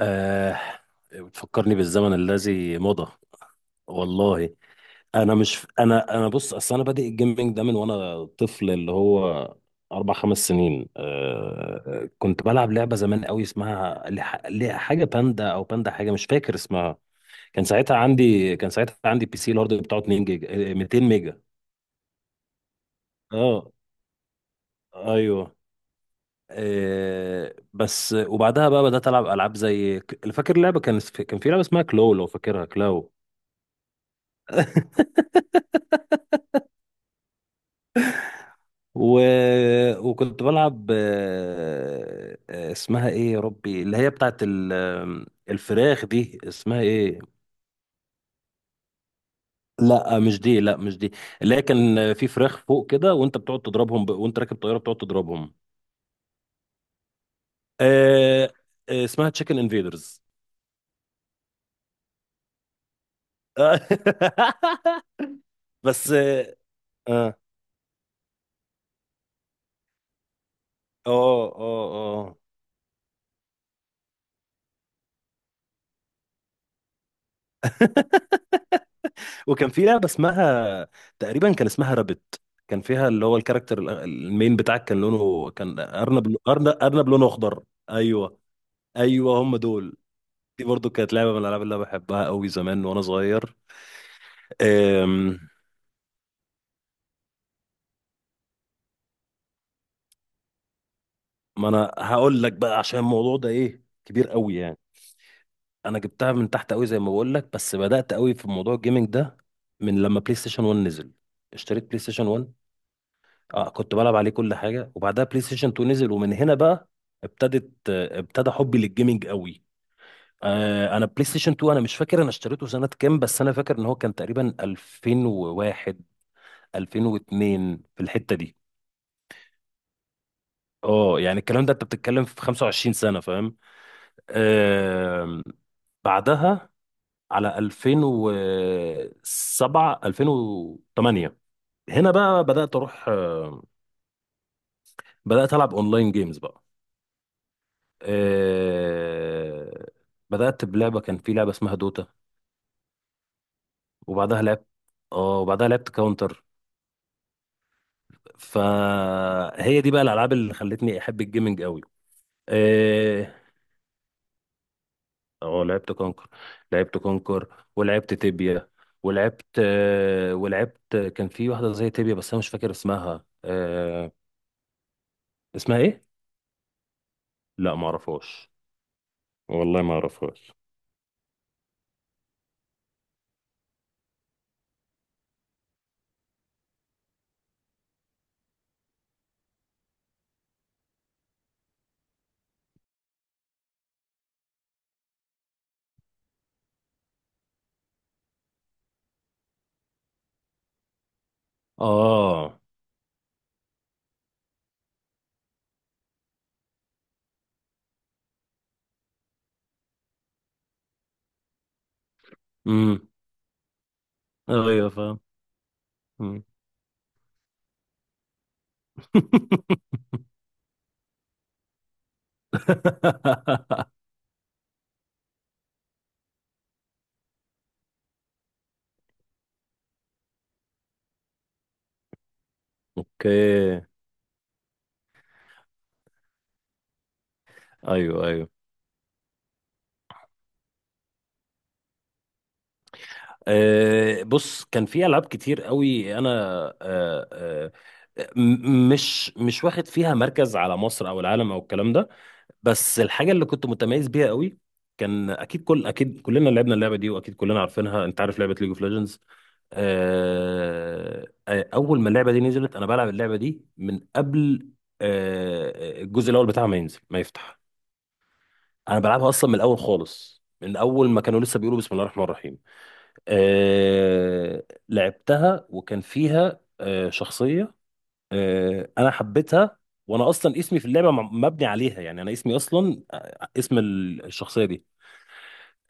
آه، بتفكرني بالزمن الذي مضى. والله انا مش انا انا بص، اصل انا بادئ الجيمنج ده من وانا طفل اللي هو 4 5 سنين. كنت بلعب لعبه زمان قوي اسمها حاجه باندا او باندا، حاجه مش فاكر اسمها. كان ساعتها عندي بي سي، الهارد بتاعه 2 جيجا، 200 ميجا. اه، ايوه. بس وبعدها بقى بدات العب العاب زي فاكر لعبه، كان في لعبه اسمها كلو، لو فاكرها، كلاو. و... وكنت بلعب اسمها ايه يا ربي اللي هي بتاعت ال... آم، الفراخ دي اسمها ايه؟ لا مش دي، لا مش دي، اللي هي كان في فراخ فوق كده وانت بتقعد تضربهم وانت راكب طيارة بتقعد تضربهم. آه، اسمها تشيكن انفيدرز. بس اه. اه اه. آه. آه. وكان في لعبة اسمها، تقريبا كان اسمها رابت، كان فيها اللي هو الكاركتر المين بتاعك كان لونه أرنب، أرنب أرنب لونه أخضر. أيوه أيوه، هم دول. دي برضو كانت لعبة من الألعاب اللي أنا بحبها قوي زمان وأنا صغير. أم... ما أنا هقول لك بقى عشان الموضوع ده إيه كبير قوي يعني. أنا جبتها من تحت قوي زي ما بقول لك، بس بدأت قوي في موضوع الجيمنج ده من لما بلاي ستيشن 1 نزل، اشتريت بلاي ستيشن 1. اه، كنت بلعب عليه كل حاجه، وبعدها بلاي ستيشن 2 نزل ومن هنا بقى ابتدت آه، ابتدى حبي للجيمنج قوي. انا بلاي ستيشن 2 انا مش فاكر انا اشتريته سنه كام، بس انا فاكر ان هو كان تقريبا 2001، 2002 في الحته دي. اه يعني الكلام ده انت بتتكلم في 25 سنه، فاهم. آم، بعدها على 2007، 2008، هنا بقى بدات العب اونلاين جيمز بقى. آه، بدأت بلعبة كان في لعبة اسمها دوتا. وبعدها لعبت اه وبعدها لعبت كاونتر. فهي دي بقى الألعاب اللي خلتني أحب الجيمنج قوي. اه. لعبت كونكر، ولعبت تيبيا، ولعبت، كان في واحدة زي تيبيا بس أنا مش فاكر اسمها. اسمها إيه؟ لا ما اعرفهاش، والله ما اعرفهاش. اه. امم. ايوه، فاهم. مم. اوكي. ايوه ايوه. أه بص، كان في العاب كتير قوي انا، أه أه، مش واخد فيها مركز على مصر او العالم او الكلام ده، بس الحاجه اللي كنت متميز بيها قوي، كان اكيد، اكيد كلنا لعبنا اللعبه دي واكيد كلنا عارفينها. انت عارف لعبه ليج اوف ليجندز؟ اول ما اللعبه دي نزلت انا بلعب اللعبه دي من قبل. أه آه، الجزء الاول بتاعها ما ينزل ما يفتح، انا بلعبها اصلا من الاول خالص، من اول ما كانوا لسه بيقولوا بسم الله الرحمن الرحيم. لعبتها، وكان فيها شخصية، أنا حبيتها. وأنا أصلا اسمي في اللعبة مبني عليها، يعني أنا اسمي أصلا اسم الشخصية دي.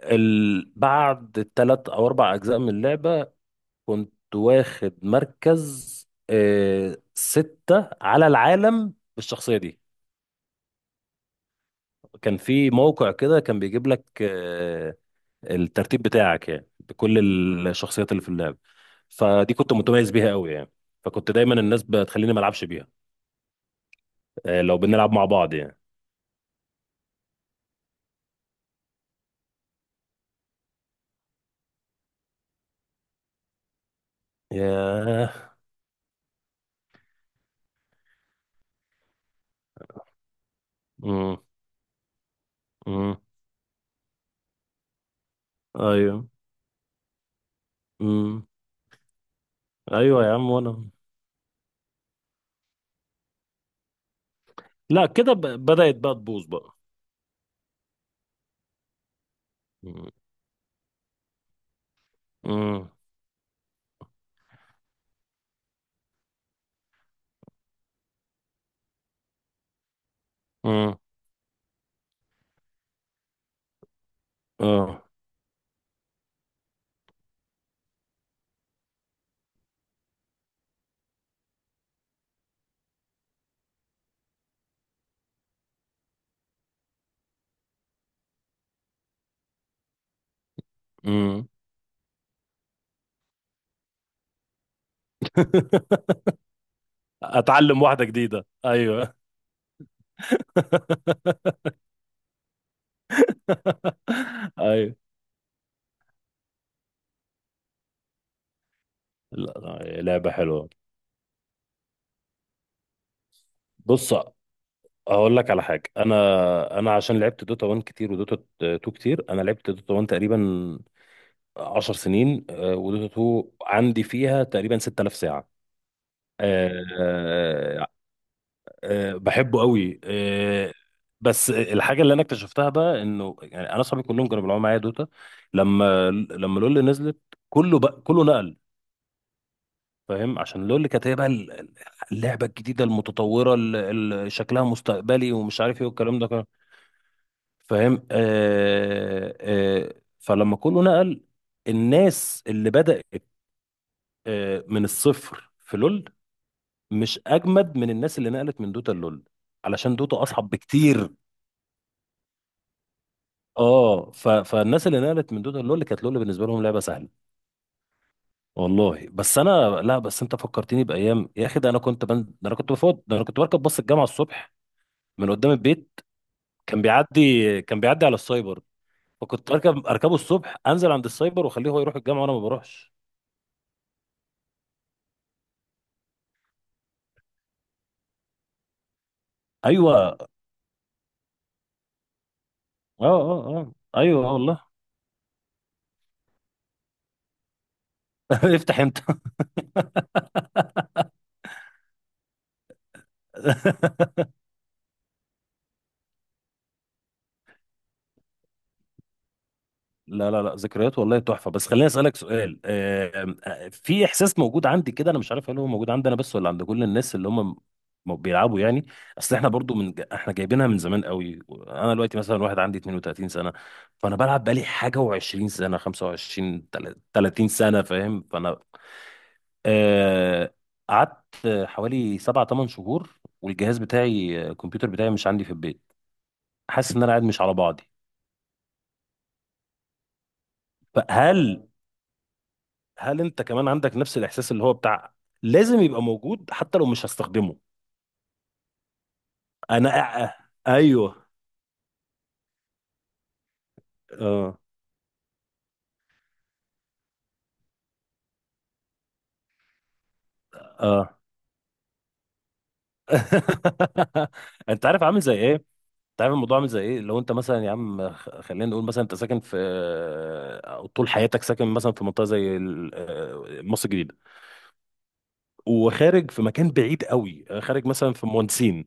بعد 3 أو 4 أجزاء من اللعبة، كنت واخد مركز 6 على العالم بالشخصية دي. كان في موقع كده كان بيجيب لك الترتيب بتاعك، يعني بكل الشخصيات اللي في اللعب، فدي كنت متميز بيها قوي يعني. فكنت دايما الناس بتخليني ما العبش بيها لو بنلعب مع بعض يعني. ياه. امم. امم. ايوه. امم. ايوه يا عم. وانا لا، كده بدأت بقى تبوظ بقى. امم. امم. امم. اه. امم. اتعلم واحدة جديدة، ايوه. ايوه. لا لا، لعبة حلوة. بص اقول لك على حاجه، انا عشان لعبت دوتا 1 كتير ودوتا 2 كتير، انا لعبت دوتا 1 تقريبا 10 سنين، ودوتا 2 عندي فيها تقريبا 6000 ساعه. آه، آه، بحبه قوي. بس الحاجه اللي انا اكتشفتها بقى انه يعني انا اصحابي كلهم كانوا بيلعبوا معايا دوتا، لما لول نزلت، كله نقل. فاهم، عشان لول كانت هي بقى اللعبه الجديده المتطوره اللي شكلها مستقبلي ومش عارف ايه والكلام ده، فاهم. فلما كله نقل، الناس اللي بدأت من الصفر في لول مش أجمد من الناس اللي نقلت من دوتا لول، علشان دوتا أصعب بكتير. اه فالناس اللي نقلت من دوتا لول كانت لول بالنسبة لهم لعبة سهلة. والله بس انا، لا، بس انت فكرتني بايام يا اخي، ده انا كنت بركب باص الجامعه الصبح من قدام البيت، كان بيعدي على السايبر، فكنت اركبه الصبح، انزل عند السايبر واخليه هو يروح الجامعه وانا ما بروحش. ايوه اه. اه اه. ايوه آه، والله. افتح انت. لا لا لا، ذكريات والله تحفه. بس خليني اسالك سؤال، في احساس موجود عندي كده، انا مش عارف هل هو موجود عندي انا بس ولا عند كل الناس اللي هم بيلعبوا يعني. اصل احنا برضو من احنا جايبينها من زمان قوي، انا دلوقتي مثلا واحد عندي 32 سنه، فانا بلعب بقالي حاجه و20 سنه، 25، 30 سنه، فاهم. فانا آه، قعدت حوالي 7 8 شهور والجهاز بتاعي، الكمبيوتر بتاعي مش عندي في البيت، حاسس ان انا قاعد مش على بعضي. فهل، انت كمان عندك نفس الاحساس اللي هو بتاع لازم يبقى موجود حتى لو مش هستخدمه؟ انا ايوه. اه اه. انت عارف عامل زي ايه انت عارف الموضوع عامل زي ايه، لو انت مثلا يا عم، خلينا نقول مثلا انت ساكن في، او طول حياتك ساكن مثلا في منطقه زي مصر الجديده، وخارج في مكان بعيد قوي، خارج مثلا في مهندسين،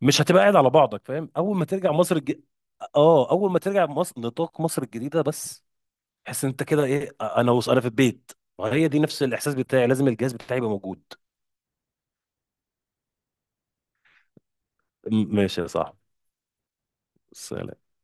مش هتبقى قاعد على بعضك فاهم، اول ما ترجع اه اول ما ترجع مصر، نطاق مصر الجديده بس، تحس إن انت كده ايه، انا في البيت. وهي دي نفس الاحساس بتاعي، لازم الجهاز بتاعي يبقى موجود. ماشي يا صاحبي. سلام.